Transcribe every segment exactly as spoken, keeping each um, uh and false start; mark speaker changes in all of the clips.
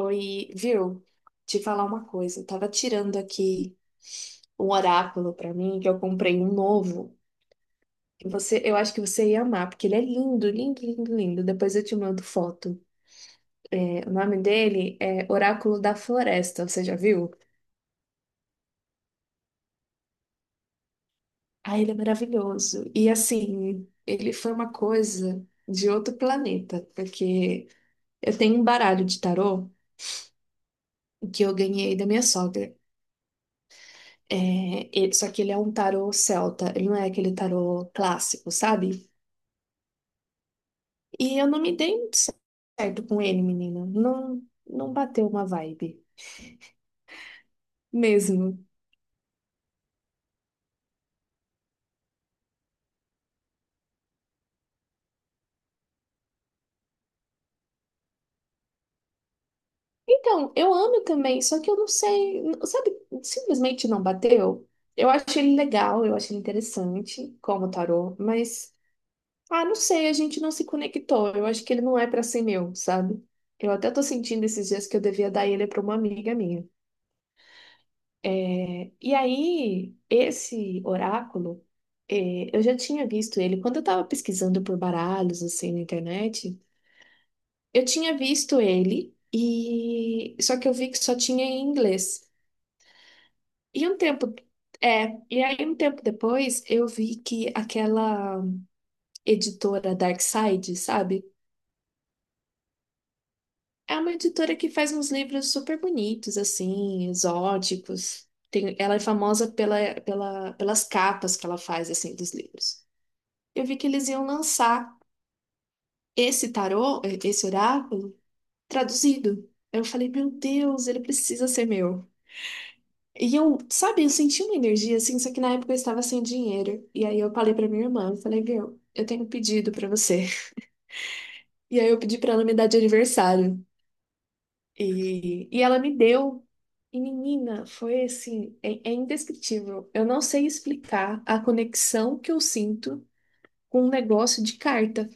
Speaker 1: Oi, viu? Te falar uma coisa. Eu tava tirando aqui um oráculo pra mim, que eu comprei um novo. E você, eu acho que você ia amar, porque ele é lindo, lindo, lindo, lindo. Depois eu te mando foto. É, o nome dele é Oráculo da Floresta, você já viu? Ah, ele é maravilhoso. E assim, ele foi uma coisa de outro planeta, porque eu tenho um baralho de tarô que eu ganhei da minha sogra. É, ele- só que ele é um tarô celta, ele não é aquele tarô clássico, sabe? E eu não me dei muito certo com ele, menina. Não, não bateu uma vibe mesmo. Então, eu amo também, só que eu não sei, n- sabe? Simplesmente não bateu. Eu acho ele legal, eu acho ele interessante como tarô, mas, ah, não sei, a gente não se conectou. Eu acho que ele não é pra ser meu, sabe? Eu até tô sentindo esses dias que eu devia dar ele pra uma amiga minha. E aí, esse oráculo, eh, eu já tinha visto ele quando eu estava pesquisando por baralhos assim na internet. Eu tinha visto ele e só que eu vi que só tinha em inglês. E um tempo é, e aí um tempo depois eu vi que aquela editora Darkside, sabe? É uma editora que faz uns livros super bonitos assim, exóticos. Tem, ela é famosa pela, pela, pelas capas que ela faz assim dos livros. Eu vi que eles iam lançar esse tarô, eh, esse oráculo, traduzido. Eu falei, meu Deus, ele precisa ser meu. E eu, sabe, eu senti uma energia assim, só que na época eu estava sem dinheiro. E aí eu falei pra minha irmã, eu falei, viu, eu tenho um pedido pra você. E aí eu pedi pra ela me dar de aniversário. E, e ela me deu. E menina, foi assim, é, é indescritível. Eu não sei explicar a conexão que eu sinto com um negócio de carta.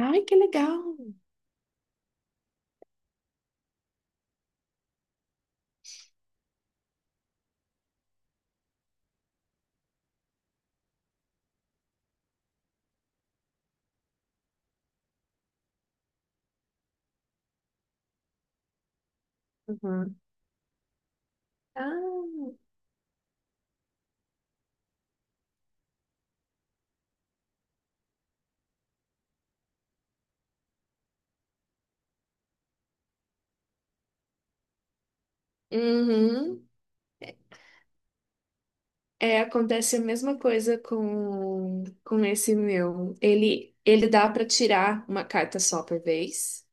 Speaker 1: Ai, que legal! Uhum. Ah. Uhum. É, acontece a mesma coisa com, com esse meu. Ele, ele dá para tirar uma carta só por vez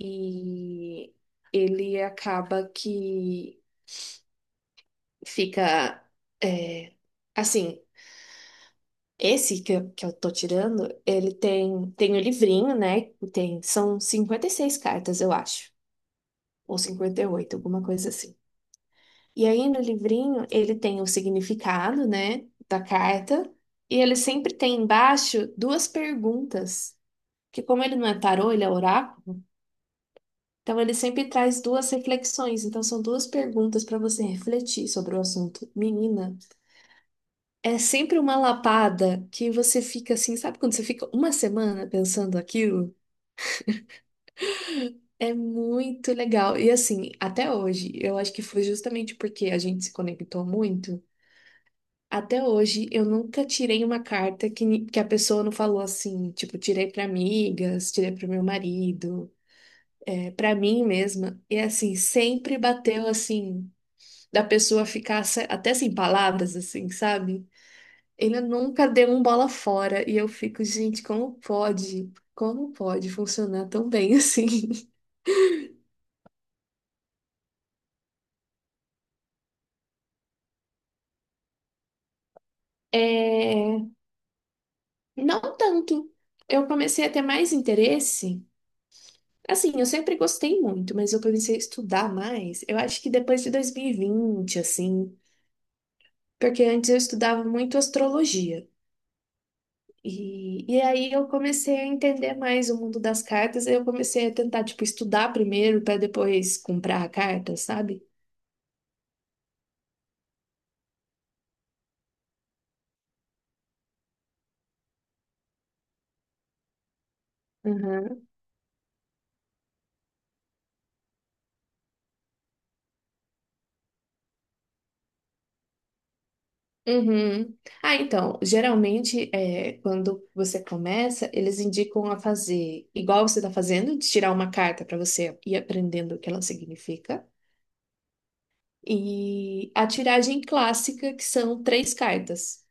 Speaker 1: e ele acaba que fica é, assim. Esse que eu, que eu tô tirando, ele tem tem o livrinho, né? Tem, são cinquenta e seis cartas, eu acho, ou cinquenta e oito alguma coisa assim. E aí no livrinho ele tem o significado, né, da carta, e ele sempre tem embaixo duas perguntas, que como ele não é tarô, ele é oráculo, então ele sempre traz duas reflexões, então são duas perguntas para você refletir sobre o assunto. Menina, é sempre uma lapada que você fica assim, sabe quando você fica uma semana pensando aquilo? É muito legal. E assim, até hoje, eu acho que foi justamente porque a gente se conectou muito. Até hoje, eu nunca tirei uma carta que, ni- que a pessoa não falou assim, tipo, tirei para amigas, tirei para o meu marido, é, para mim mesma. E assim, sempre bateu assim, da pessoa ficar se- até sem palavras, assim, sabe? Ele nunca deu um bola fora. E eu fico, gente, como pode? Como pode funcionar tão bem assim? É, não tanto. Eu comecei a ter mais interesse. Assim, eu sempre gostei muito, mas eu comecei a estudar mais, eu acho que depois de dois mil e vinte, assim, porque antes eu estudava muito astrologia. E, e aí eu comecei a entender mais o mundo das cartas, e eu comecei a tentar, tipo, estudar primeiro para depois comprar a carta, sabe? Uhum. Uhum. Ah, então, geralmente, é, quando você começa, eles indicam a fazer igual você está fazendo, de tirar uma carta para você ir aprendendo o que ela significa. E a tiragem clássica, que são três cartas.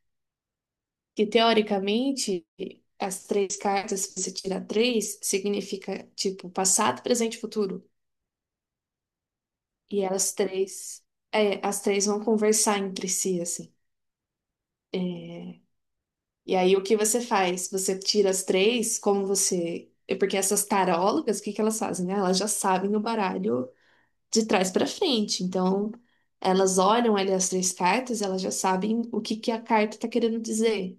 Speaker 1: Que teoricamente, as três cartas, se você tirar três, significa tipo passado, presente e futuro. E elas três, é, as três vão conversar entre si, assim. E aí o que você faz? Você tira as três, como você. é Porque essas tarólogas, o que que elas fazem, né? Elas já sabem o baralho de trás para frente. Então, elas olham ali as três cartas, elas já sabem o que que a carta tá querendo dizer.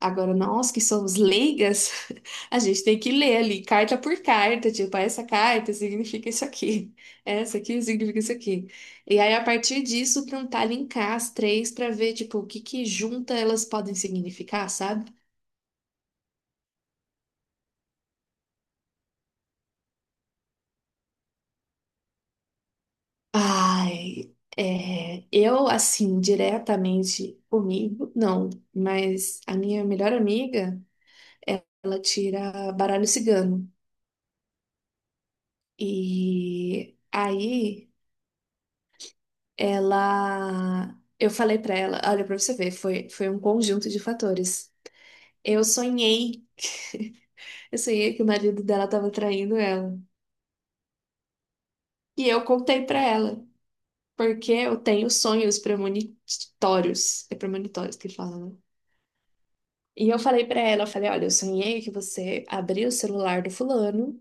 Speaker 1: Agora, nós que somos leigas, a gente tem que ler ali, carta por carta, tipo, ah, essa carta significa isso aqui, essa aqui significa isso aqui. E aí, a partir disso, tentar linkar as três para ver, tipo, o que que junta elas podem significar, sabe? Ai, é, eu, assim, diretamente comigo, não, mas a minha melhor amiga, ela tira baralho cigano. E aí. Ela, eu falei pra ela, olha, pra você ver, foi, foi um conjunto de fatores. Eu sonhei, eu sonhei que o marido dela tava traindo ela. E eu contei pra ela, porque eu tenho sonhos premonitórios. É premonitórios que fala, né? E eu falei pra ela, eu falei, olha, eu sonhei que você abriu o celular do fulano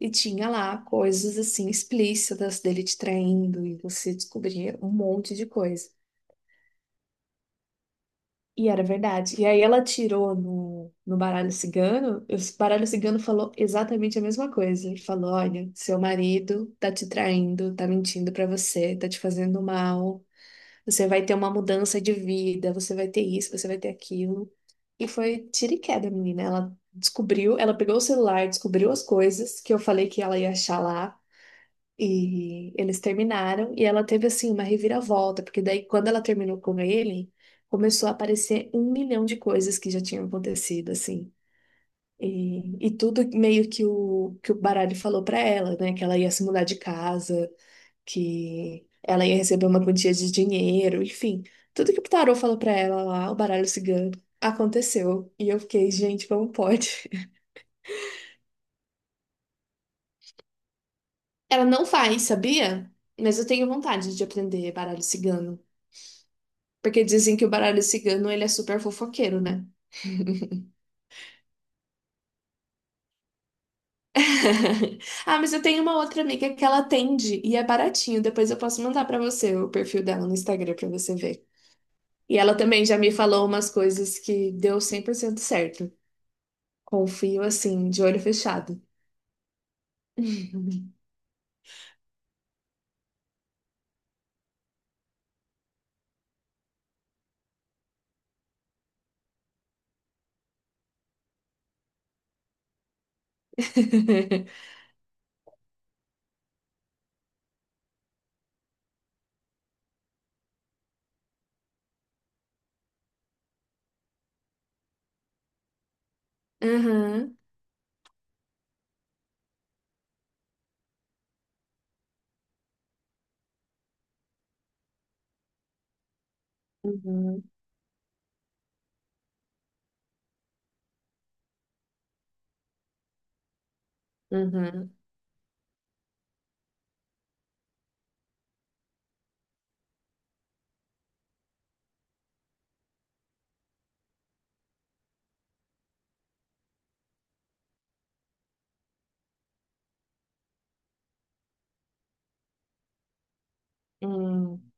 Speaker 1: e tinha lá coisas assim explícitas dele te traindo e você descobria um monte de coisa. E era verdade. E aí ela tirou no, no baralho cigano, e o baralho cigano falou exatamente a mesma coisa. Ele falou: olha, seu marido tá te traindo, tá mentindo pra você, tá te fazendo mal, você vai ter uma mudança de vida, você vai ter isso, você vai ter aquilo. E foi tiro e queda, menina. Ela descobriu, ela pegou o celular, descobriu as coisas que eu falei que ela ia achar lá. E eles terminaram e ela teve assim uma reviravolta, porque daí quando ela terminou com ele, começou a aparecer um milhão de coisas que já tinham acontecido assim. E, e tudo meio que o que o baralho falou pra ela, né, que ela ia se mudar de casa, que ela ia receber uma quantia de dinheiro, enfim, tudo que o tarô falou pra ela lá, o baralho cigano, aconteceu. E eu fiquei, gente, como pode? Ela não faz, sabia? Mas eu tenho vontade de aprender baralho cigano. Porque dizem que o baralho cigano, ele é super fofoqueiro, né? Ah, mas eu tenho uma outra amiga que ela atende e é baratinho. Depois eu posso mandar pra você o perfil dela no Instagram pra você ver. E ela também já me falou umas coisas que deu cem por cento certo. Confio assim, de olho fechado. Uhum, uhum, uhum, hum,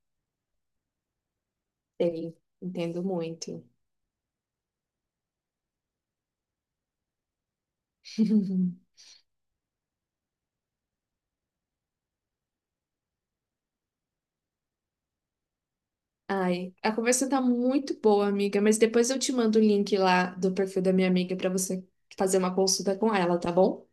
Speaker 1: sei. Entendo muito. Ai, a conversa tá muito boa, amiga, mas depois eu te mando o link lá do perfil da minha amiga pra você fazer uma consulta com ela, tá bom?